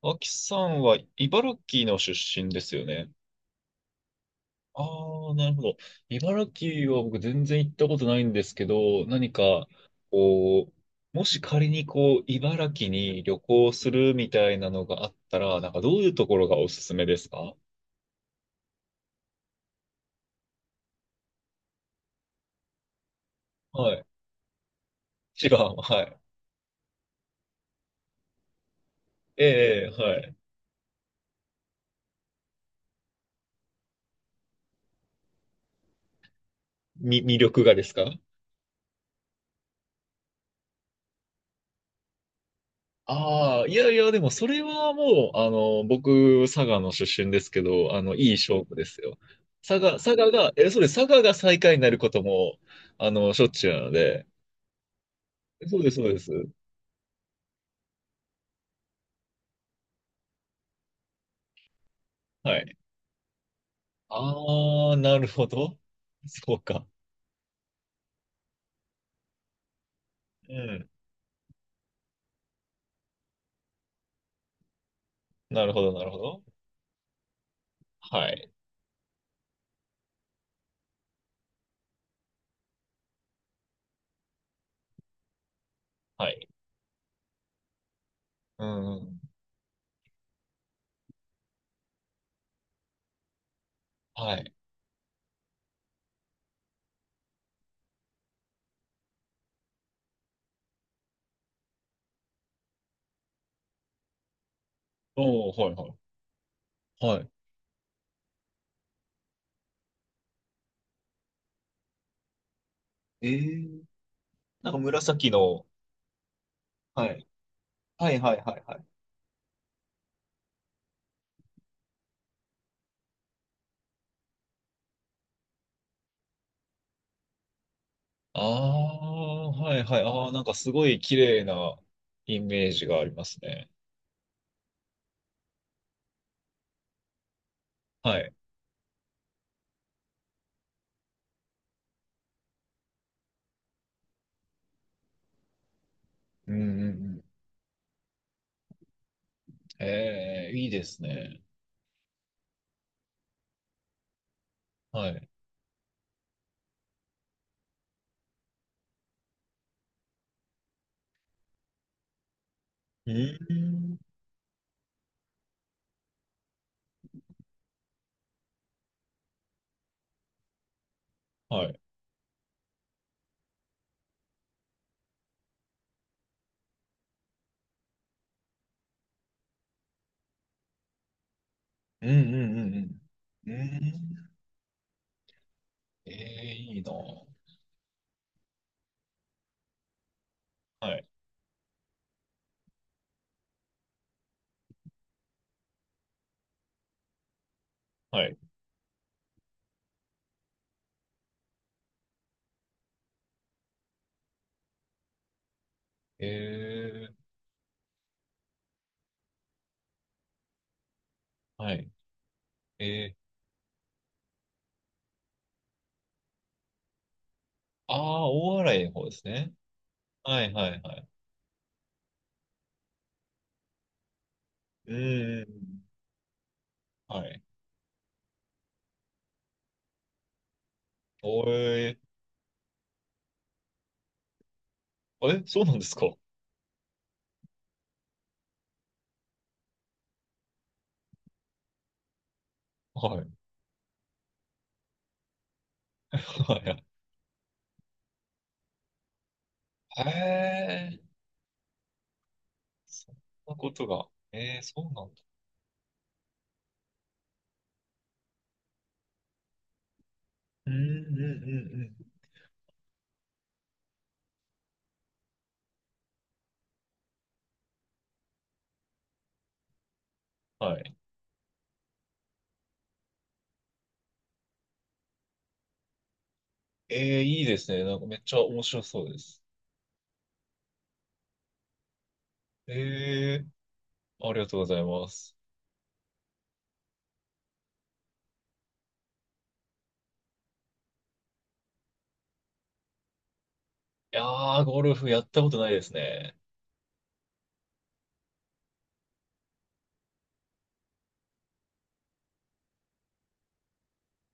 脇さんは茨城の出身ですよね。ああ、なるほど。茨城は僕全然行ったことないんですけど、何か、こう、もし仮にこう、茨城に旅行するみたいなのがあったら、なんかどういうところがおすすめですか？はい。一番、はい。ええ、はい。み、魅力がですか？ああ、いやいや、でもそれはもう、僕、佐賀の出身ですけど、いい勝負ですよ。佐賀、佐賀が、え、そうです、佐賀が最下位になることも、しょっちゅうなので、そうです、そうです。はい。ああ、なるほど。そうか。うん。なるほど、なるほど。はい。はい。うん。はい。おお、はい、はい。はい。ええ、なんか紫の、はい。はい、はい、はい、はい。ああ、はいはい。ああ、なんかすごい綺麗なイメージがありますね。はい。うんうんうん。ええ、いいですね。はい。うん。はい。うんうんうんうん。うん。ええ、いいな。はい。はい。ええ、はい。ええ、ああ、大洗の方ですね。はいはいはい。うんうんうん。はい。おえ、え、そうなんですか？はい。はい。へえ、そんなことが。えー、そうなんだ。うんうんうんうん。はい。えー、いいですね。なんかめっちゃ面白そうです。えー、ありがとうございます。いやー、ゴルフやったことないですね。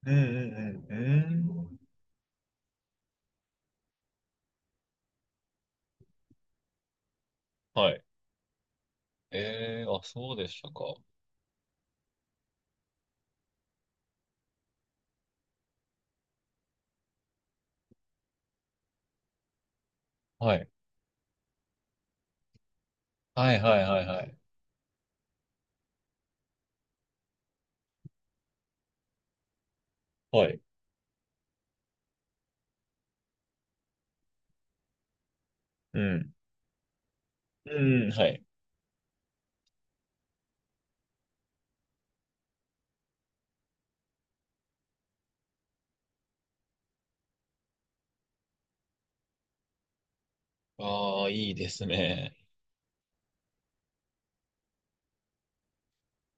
うんうんうん。うん、はい。えー、あ、そうでしたか。はい。はいはいはいはい。はい。うん。うん、はい。ああ、いいですね。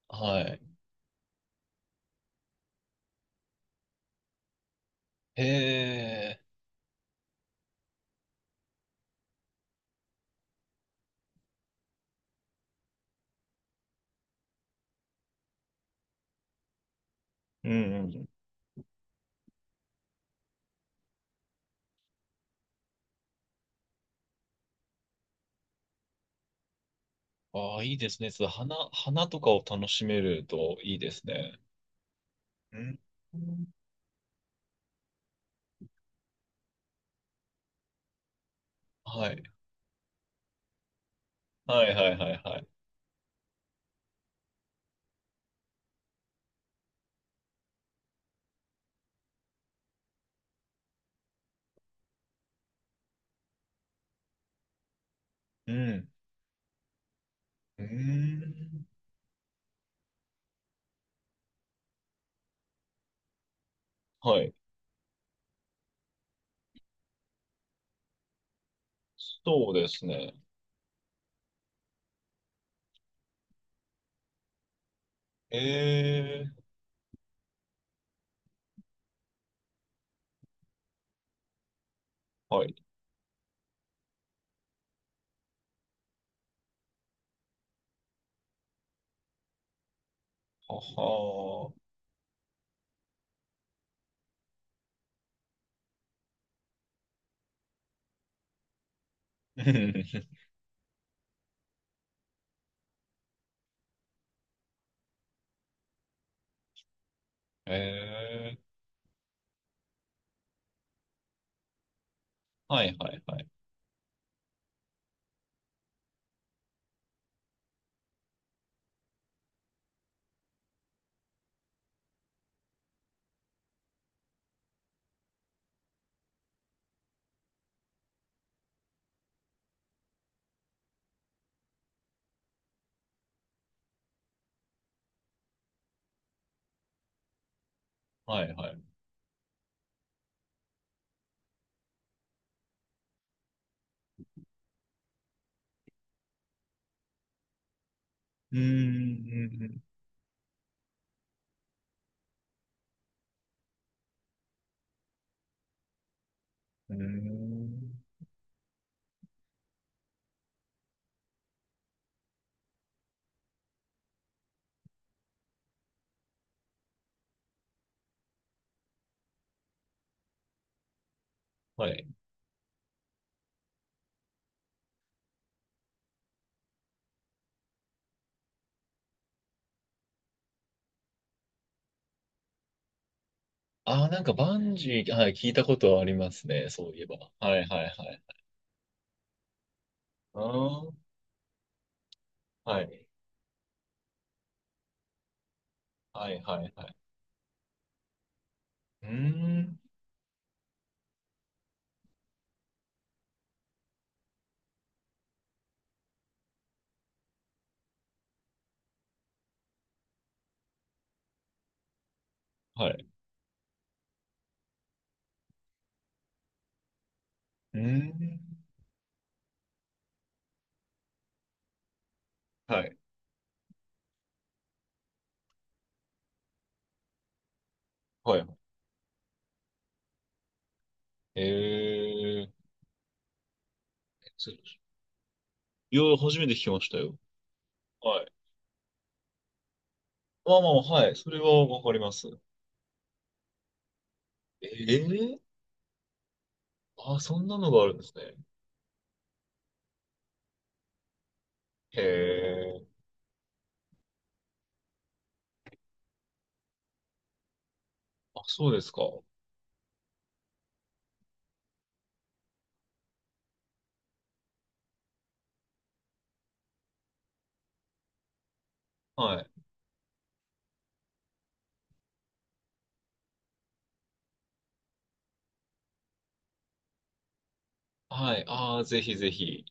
はい。へえ。うんうん。ああ、いいですね。そう花、花とかを楽しめるといいですね。うん。はい。はいはいはいはい。うん。うーん。はい。そうですね。えー。はい。ははー。うん、えー。はいはいはい。はいはい。うーん。うーん。はい。あー、なんかバンジー、はい、聞いたことありますね。そういえば。はいはいはい。あー。はい。はいはいはい。うーん。はい。うーん。はい。はい。えー。いや、初めて聞きましたよ。はい。まあまあ、はい。それはわかります。ええ、あ、そんなのがあるんですね。へえ。あ、そうですか。はい。はい。ああ、ぜひぜひ。